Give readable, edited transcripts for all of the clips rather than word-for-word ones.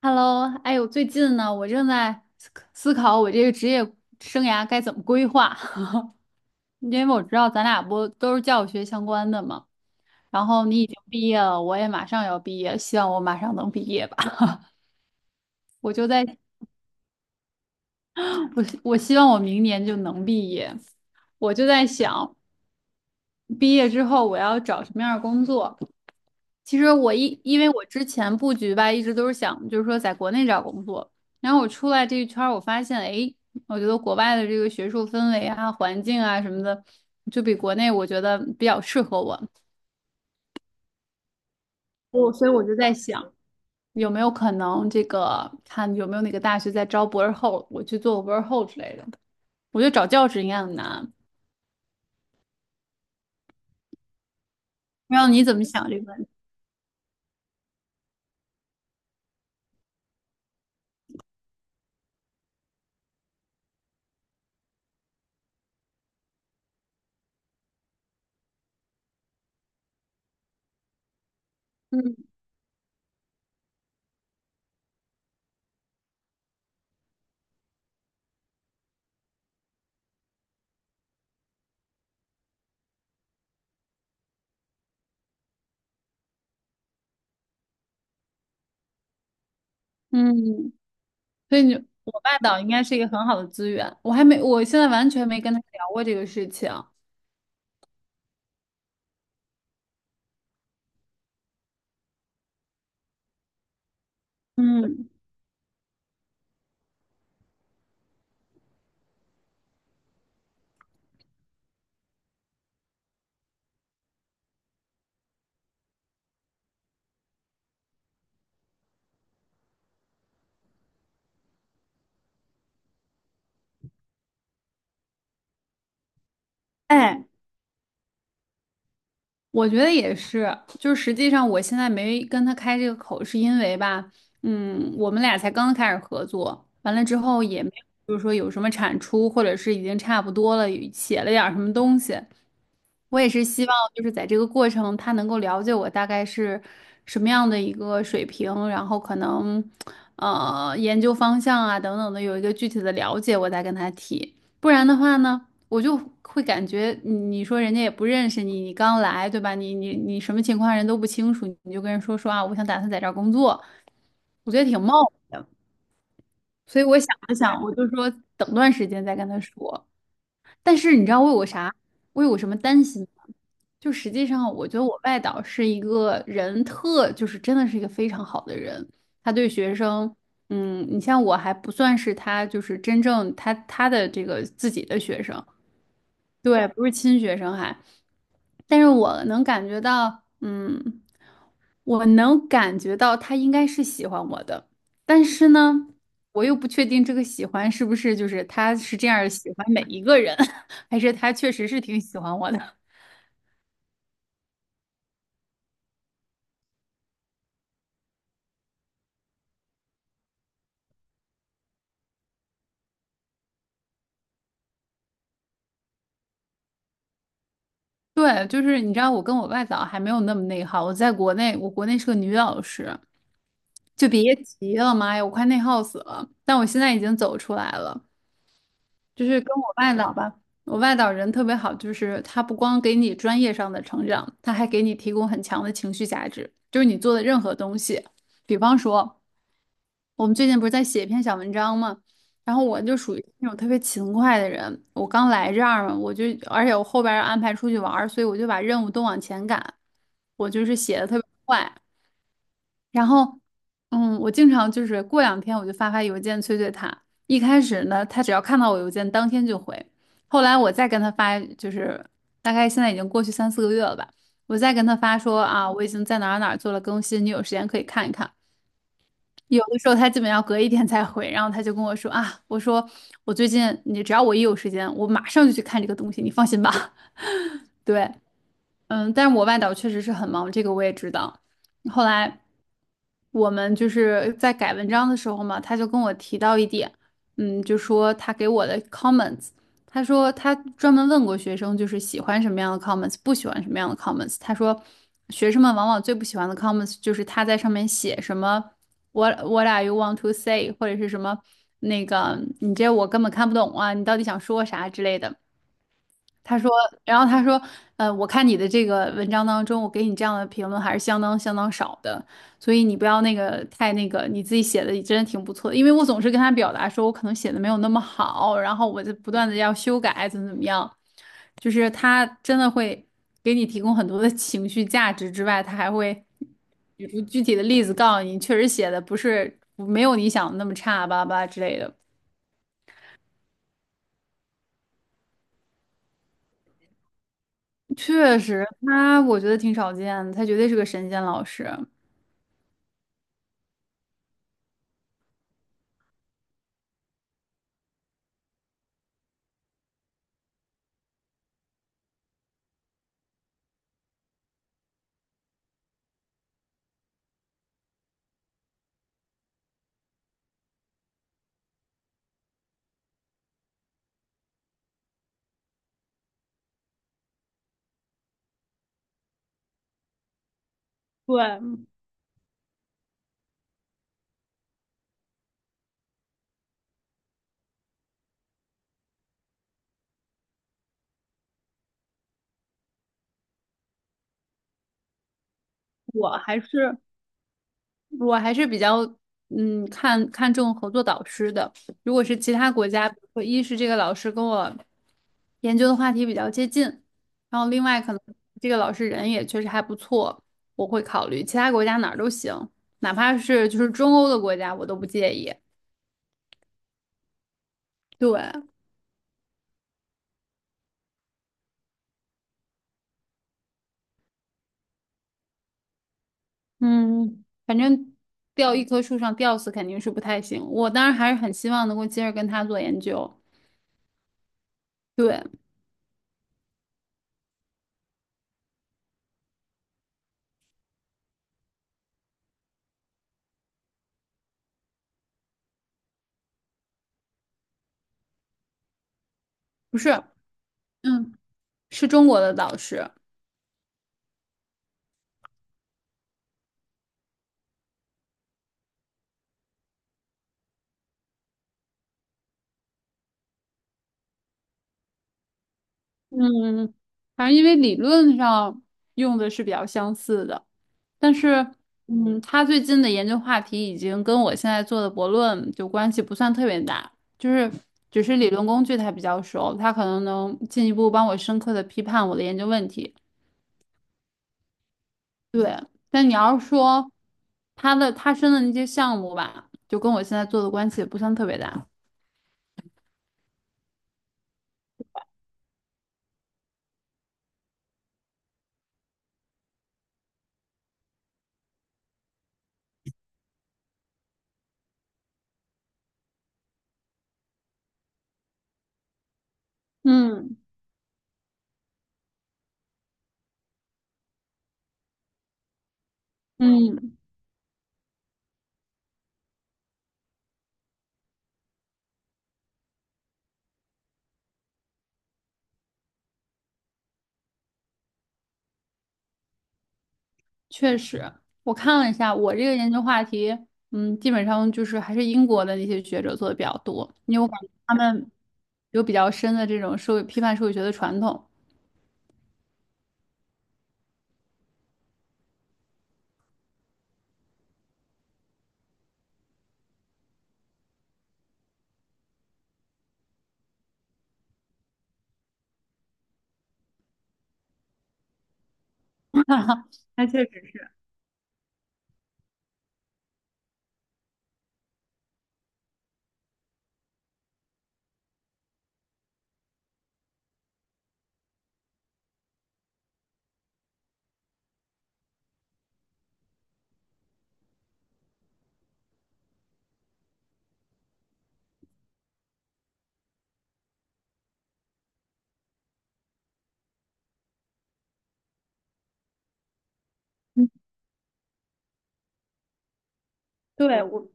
Hello，哎呦，我最近呢，我正在思考我这个职业生涯该怎么规划，因为我知道咱俩不都是教育学相关的嘛，然后你已经毕业了，我也马上要毕业，希望我马上能毕业吧。我就在，我希望我明年就能毕业，我就在想。毕业之后我要找什么样的工作？其实因为我之前布局吧，一直都是想就是说在国内找工作，然后我出来这一圈儿，我发现哎，我觉得国外的这个学术氛围啊、环境啊什么的，就比国内我觉得比较适合我，所以我就在想有没有可能这个看有没有哪个大学在招博士后，我去做个博士后之类的。我觉得找教职应该很难，不知道你怎么想这个问题？嗯嗯。所以你我爸岛应该是一个很好的资源。我还没，我现在完全没跟他聊过这个事情。嗯，哎，我觉得也是，就是实际上我现在没跟他开这个口，是因为吧，嗯，我们俩才刚开始合作，完了之后也没有，就是说有什么产出，或者是已经差不多了，写了点儿什么东西。我也是希望就是在这个过程，他能够了解我大概是什么样的一个水平，然后可能研究方向啊等等的有一个具体的了解，我再跟他提。不然的话呢？我就会感觉你，你说人家也不认识你，你刚来，对吧？你什么情况人都不清楚，你就跟人说说啊，我想打算在这儿工作，我觉得挺冒昧的。所以我想了想，我就说等段时间再跟他说。但是你知道我有个啥，我有个什么担心吗？就实际上，我觉得我外导是一个人特，就是真的是一个非常好的人，他对学生。嗯，你像我还不算是他，就是真正他的这个自己的学生，对，不是亲学生还，但是我能感觉到，嗯，我能感觉到他应该是喜欢我的，但是呢，我又不确定这个喜欢是不是就是他是这样儿喜欢每一个人，还是他确实是挺喜欢我的。对，就是你知道，我跟我外早还没有那么内耗，我在国内，我国内是个女老师，就别提了，妈呀，我快内耗死了。但我现在已经走出来了。就是跟我外导吧，我外导人特别好，就是他不光给你专业上的成长，他还给你提供很强的情绪价值。就是你做的任何东西，比方说我们最近不是在写一篇小文章嘛，然后我就属于那种特别勤快的人，我刚来这儿嘛，而且我后边要安排出去玩儿所以我就把任务都往前赶，我就是写的特别快。然后，嗯，我经常就是过两天我就发发邮件催催他。一开始呢，他只要看到我邮件，当天就回。后来我再跟他发，就是大概现在已经过去三四个月了吧，我再跟他发说啊，我已经在哪儿哪儿做了更新，你有时间可以看一看。有的时候他基本要隔一天才回，然后他就跟我说啊，我说我最近你只要我一有时间，我马上就去看这个东西，你放心吧。对，嗯，但是我外导确实是很忙，这个我也知道。后来我们就是在改文章的时候嘛，他就跟我提到一点，嗯，就说他给我的 comments，他说他专门问过学生，就是喜欢什么样的 comments，不喜欢什么样的 comments。他说学生们往往最不喜欢的 comments 就是他在上面写什么 what are you want to say，或者是什么那个你这我根本看不懂啊，你到底想说啥之类的。他说，然后他说，我看你的这个文章当中，我给你这样的评论还是相当少的，所以你不要那个太那个，你自己写的也真的挺不错的，因为我总是跟他表达说我可能写的没有那么好，然后我就不断的要修改，怎么怎么样，就是他真的会给你提供很多的情绪价值之外，他还会举出具体的例子告诉你，确实写的不是没有你想的那么差，巴拉巴拉之类的。确实，他我觉得挺少见的，他绝对是个神仙老师。对，我还是我还是比较嗯看看重合作导师的。如果是其他国家，比如说一是这个老师跟我研究的话题比较接近，然后另外可能这个老师人也确实还不错，我会考虑其他国家哪儿都行，哪怕是就是中欧的国家我都不介意。对，嗯，反正吊一棵树上吊死肯定是不太行。我当然还是很希望能够接着跟他做研究。对，不是。嗯。是中国的导师。嗯反正因为理论上用的是比较相似的，但是，嗯，他最近的研究话题已经跟我现在做的博论就关系不算特别大，就是只是理论工具他比较熟，他可能能进一步帮我深刻的批判我的研究问题。对，但你要是说他申的那些项目吧，就跟我现在做的关系也不算特别大。嗯嗯，确实，我看了一下，我这个研究话题，嗯，基本上就是还是英国的那些学者做的比较多，因为我感觉他们有比较深的这种社会批判社会学的传统。那确实是，对，我，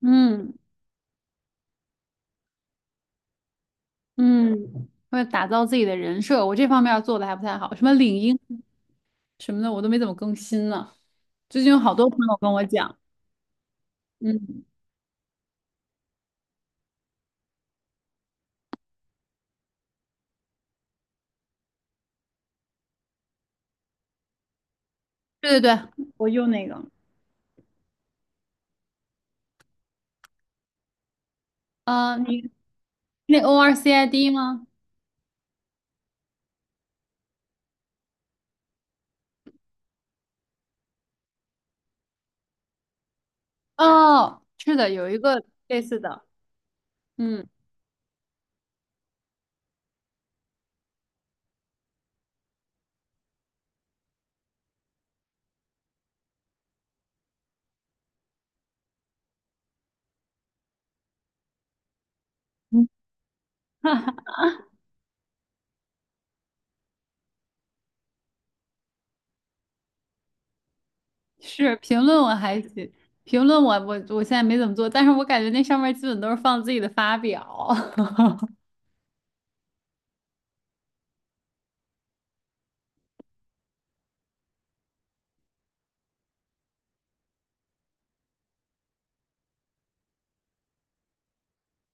嗯嗯，为了打造自己的人设，我这方面儿做的还不太好，什么领英什么的，我都没怎么更新呢。最近有好多朋友跟我讲，嗯，对对对，我用那个，你那 ORCID 吗？哦，是的，有一个类似的。嗯，是评论我还行，评论我现在没怎么做，但是我感觉那上面基本都是放自己的发表。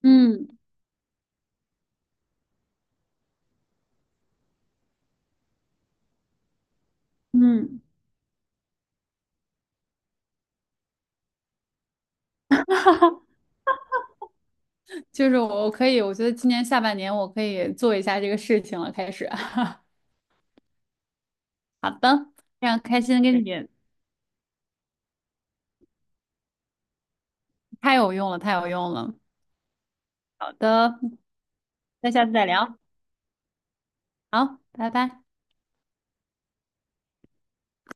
嗯嗯，就是我可以，我觉得今年下半年我可以做一下这个事情了，开始。好的，非常开心跟你，太有用了，太有用了。好的，那下次再聊。好，拜拜。